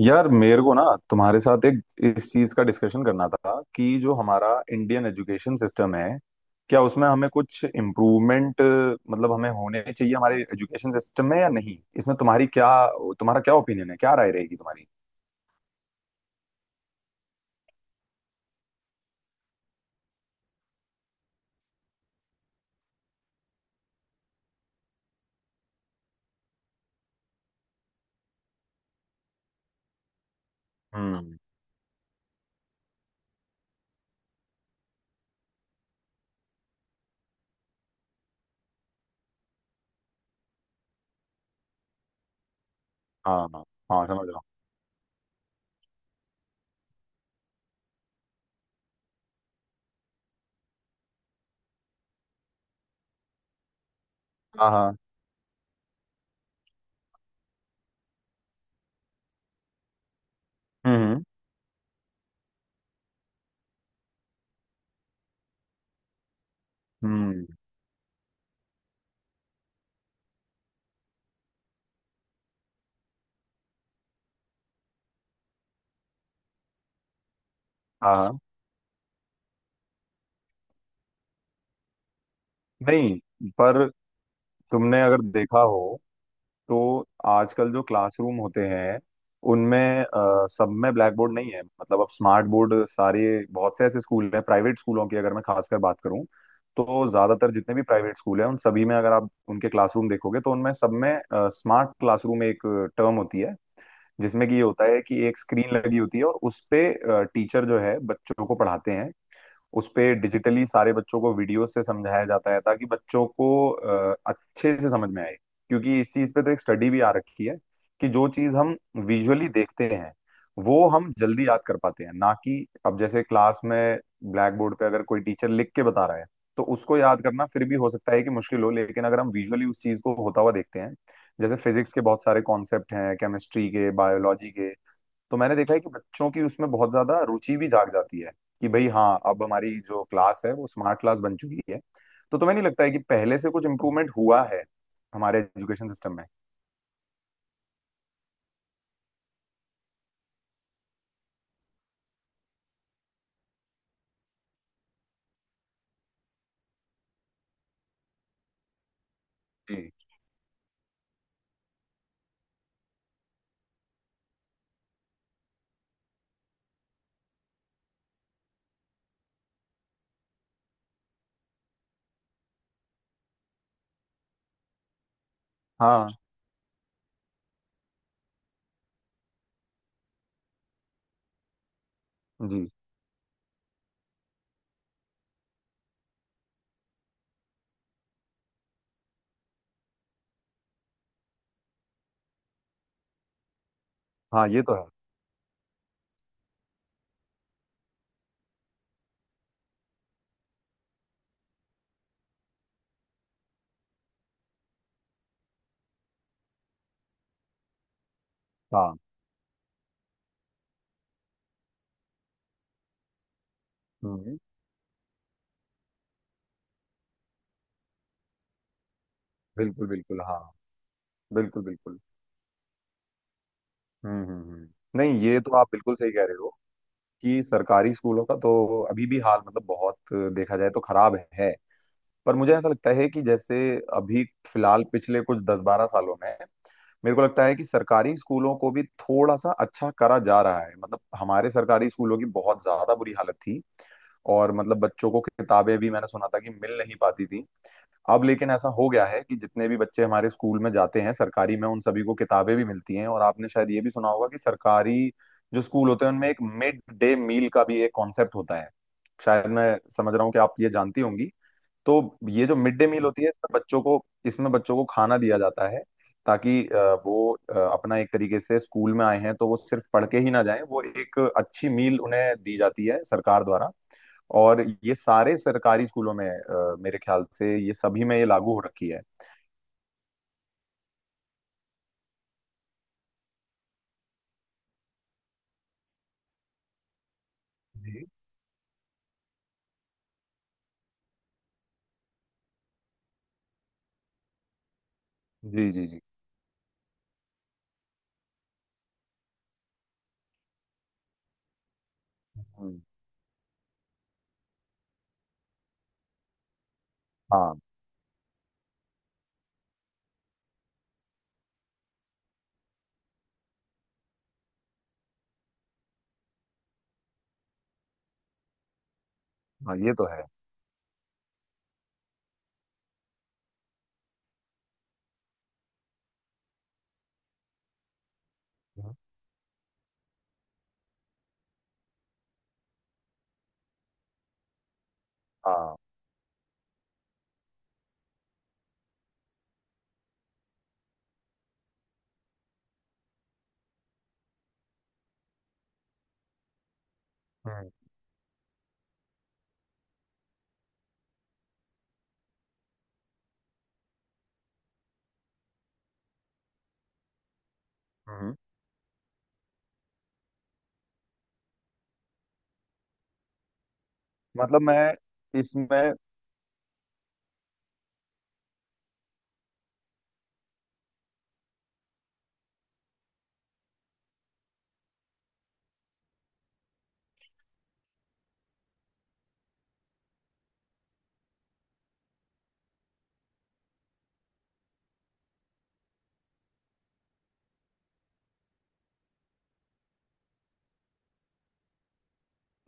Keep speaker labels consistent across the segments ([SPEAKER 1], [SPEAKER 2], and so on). [SPEAKER 1] यार, मेरे को ना तुम्हारे साथ एक इस चीज का डिस्कशन करना था कि जो हमारा इंडियन एजुकेशन सिस्टम है, क्या उसमें हमें कुछ इम्प्रूवमेंट मतलब हमें होने चाहिए हमारे एजुकेशन सिस्टम में या नहीं। इसमें तुम्हारी क्या तुम्हारा क्या ओपिनियन है, क्या राय रहेगी तुम्हारी। हम्म। हाँ हाँ। हाँ, समझ रहा हूँ। हाँ हाँ। हम्म हम्म। हाँ हाँ। नहीं, पर तुमने अगर देखा हो तो आजकल जो क्लासरूम होते हैं उनमें सब में ब्लैक बोर्ड नहीं है, मतलब अब स्मार्ट बोर्ड सारे, बहुत से ऐसे स्कूल हैं। प्राइवेट स्कूलों की अगर मैं खासकर बात करूं तो ज्यादातर जितने भी प्राइवेट स्कूल हैं उन सभी में अगर आप उनके क्लासरूम देखोगे तो उनमें सब में स्मार्ट क्लासरूम एक टर्म होती है, जिसमें कि ये होता है कि एक स्क्रीन लगी होती है और उस पे टीचर जो है बच्चों को पढ़ाते हैं। उस पे डिजिटली सारे बच्चों को वीडियो से समझाया जाता है ताकि बच्चों को अच्छे से समझ में आए। क्योंकि इस चीज पे तो एक स्टडी भी आ रखी है कि जो चीज हम विजुअली देखते हैं वो हम जल्दी याद कर पाते हैं ना। कि अब जैसे क्लास में ब्लैक बोर्ड पे अगर कोई टीचर लिख के बता रहा है तो उसको याद करना फिर भी हो सकता है कि मुश्किल हो, लेकिन अगर हम विजुअली उस चीज को होता हुआ देखते हैं, जैसे फिजिक्स के बहुत सारे कॉन्सेप्ट हैं, केमिस्ट्री के, बायोलॉजी के, तो मैंने देखा है कि बच्चों की उसमें बहुत ज्यादा रुचि भी जाग जाती है कि भाई हाँ अब हमारी जो क्लास है वो स्मार्ट क्लास बन चुकी है। तो तुम्हें नहीं लगता है कि पहले से कुछ इम्प्रूवमेंट हुआ है हमारे एजुकेशन सिस्टम में? जी। हाँ। जी। हाँ ये तो है। हाँ। हम्म। बिल्कुल बिल्कुल, हाँ। बिल्कुल बिल्कुल। हम्म हम्म हम्म। नहीं, ये तो आप बिल्कुल सही कह रहे हो कि सरकारी स्कूलों का तो अभी भी हाल, मतलब बहुत देखा जाए तो खराब है। पर मुझे ऐसा लगता है कि जैसे अभी फिलहाल पिछले कुछ 10-12 सालों में मेरे को लगता है कि सरकारी स्कूलों को भी थोड़ा सा अच्छा करा जा रहा है, मतलब हमारे सरकारी स्कूलों की बहुत ज्यादा बुरी हालत थी, और मतलब बच्चों को किताबें भी मैंने सुना था कि मिल नहीं पाती थी। अब लेकिन ऐसा हो गया है कि जितने भी बच्चे हमारे स्कूल में जाते हैं सरकारी में, उन सभी को किताबें भी मिलती हैं, और आपने शायद ये भी सुना होगा कि सरकारी जो स्कूल होते हैं उनमें एक मिड डे मील का भी एक कॉन्सेप्ट होता है। शायद मैं समझ रहा हूँ कि आप ये जानती होंगी। तो ये जो मिड डे मील होती है, इसमें बच्चों को खाना दिया जाता है, ताकि वो अपना एक तरीके से स्कूल में आए हैं तो वो सिर्फ पढ़ के ही ना जाएं, वो एक अच्छी मील उन्हें दी जाती है सरकार द्वारा। और ये सारे सरकारी स्कूलों में मेरे ख्याल से ये सभी में ये लागू हो रखी है। जी जी जी। जी। हम्म। हाँ हाँ ये तो है। हम्म। हाँ। हम्म हम्म। मतलब मैं इसमें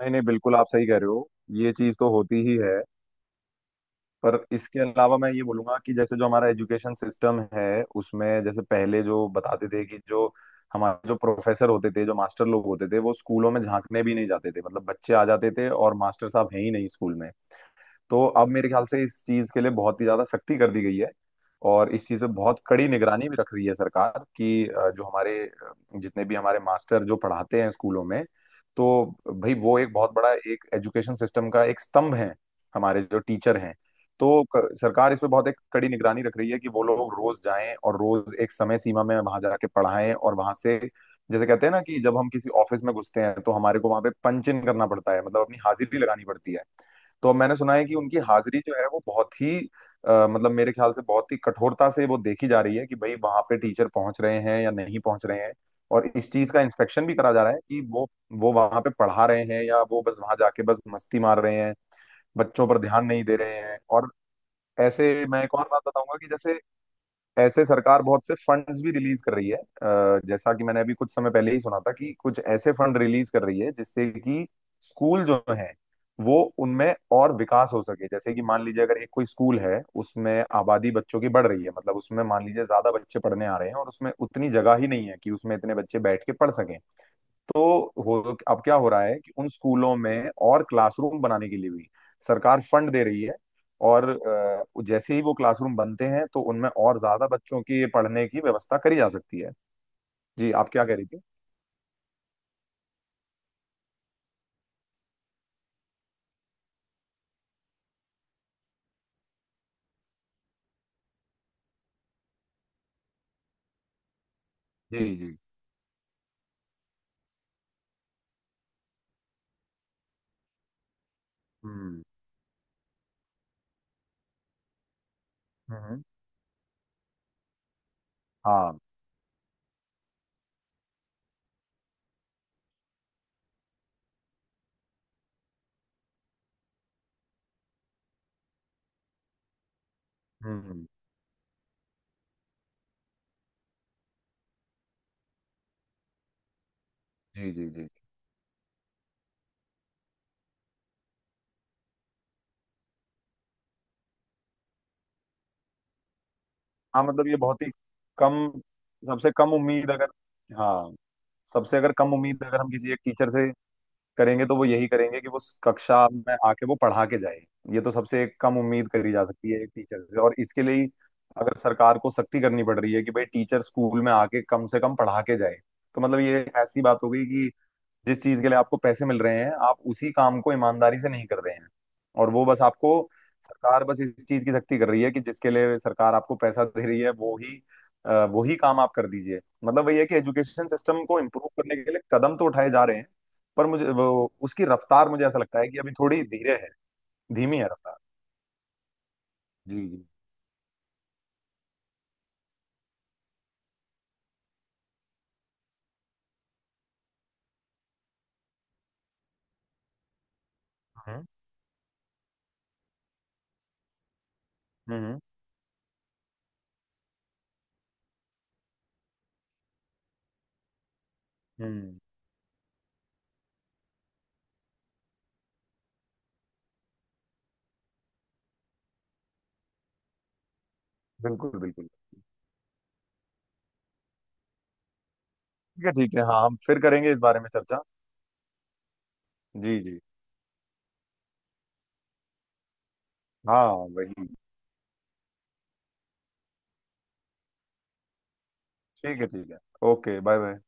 [SPEAKER 1] नहीं नहीं, बिल्कुल आप सही कह रहे हो, ये चीज तो होती ही है। पर इसके अलावा मैं ये बोलूंगा कि जैसे जो हमारा एजुकेशन सिस्टम है उसमें, जैसे पहले जो बताते थे कि जो हमारे जो प्रोफेसर होते थे, जो मास्टर लोग होते थे, वो स्कूलों में झांकने भी नहीं जाते थे, मतलब बच्चे आ जाते थे और मास्टर साहब हैं ही नहीं स्कूल में। तो अब मेरे ख्याल से इस चीज के लिए बहुत ही ज्यादा सख्ती कर दी गई है, और इस चीज पे बहुत कड़ी निगरानी भी रख रही है सरकार कि जो हमारे जितने भी हमारे मास्टर जो पढ़ाते हैं स्कूलों में, तो भाई वो एक बहुत बड़ा, एक एजुकेशन सिस्टम का एक स्तंभ है हमारे जो टीचर हैं। तो सरकार इस पे बहुत एक कड़ी निगरानी रख रही है कि वो लोग रोज जाएं और रोज एक समय सीमा में वहां जाके पढ़ाएं। और वहां से, जैसे कहते हैं ना कि जब हम किसी ऑफिस में घुसते हैं तो हमारे को वहां पे पंच इन करना पड़ता है, मतलब अपनी हाजिरी लगानी पड़ती है, तो मैंने सुना है कि उनकी हाजिरी जो है वो बहुत ही मतलब मेरे ख्याल से बहुत ही कठोरता से वो देखी जा रही है कि भाई वहां पे टीचर पहुंच रहे हैं या नहीं पहुंच रहे हैं। और इस चीज का इंस्पेक्शन भी करा जा रहा है कि वो वहां पे पढ़ा रहे हैं या वो बस वहां जाके बस मस्ती मार रहे हैं, बच्चों पर ध्यान नहीं दे रहे हैं। और ऐसे, मैं एक और बात बताऊंगा कि जैसे ऐसे सरकार बहुत से फंड्स भी रिलीज कर रही है, जैसा कि मैंने अभी कुछ समय पहले ही सुना था कि कुछ ऐसे फंड रिलीज कर रही है जिससे कि स्कूल जो है वो उनमें और विकास हो सके। जैसे कि मान लीजिए अगर एक कोई स्कूल है, उसमें आबादी बच्चों की बढ़ रही है, मतलब उसमें मान लीजिए ज्यादा बच्चे पढ़ने आ रहे हैं और उसमें उतनी जगह ही नहीं है कि उसमें इतने बच्चे बैठ के पढ़ सकें, तो हो अब क्या हो रहा है कि उन स्कूलों में और क्लासरूम बनाने के लिए भी सरकार फंड दे रही है। और जैसे ही वो क्लासरूम बनते हैं तो उनमें और ज्यादा बच्चों की पढ़ने की व्यवस्था करी जा सकती है। जी, आप क्या कह रही थी? जी जी। हम्म हम्म। हाँ। हम्म हम्म। जी जी जी। हाँ, मतलब ये बहुत ही कम सबसे कम उम्मीद अगर हाँ, सबसे अगर कम उम्मीद अगर हम किसी एक टीचर से करेंगे तो वो यही करेंगे कि वो कक्षा में आके वो पढ़ा के जाए। ये तो सबसे कम उम्मीद करी जा सकती है एक टीचर से, और इसके लिए ही अगर सरकार को सख्ती करनी पड़ रही है कि भाई टीचर स्कूल में आके कम से कम पढ़ा के जाए, तो मतलब ये ऐसी बात हो गई कि जिस चीज के लिए आपको पैसे मिल रहे हैं आप उसी काम को ईमानदारी से नहीं कर रहे हैं। और वो बस आपको, सरकार बस इस चीज की सख्ती कर रही है कि जिसके लिए सरकार आपको पैसा दे रही है वो ही काम आप कर दीजिए। मतलब वही है कि एजुकेशन सिस्टम को इम्प्रूव करने के लिए कदम तो उठाए जा रहे हैं, पर मुझे वो उसकी रफ्तार, मुझे ऐसा लगता है कि अभी थोड़ी धीरे है, धीमी है रफ्तार। जी जी। हम्म हम्म हम्म। बिल्कुल बिल्कुल। ठीक है ठीक है, हाँ, हम फिर करेंगे इस बारे में चर्चा। जी जी। हाँ। वही। ठीक है ठीक है। Okay, bye bye.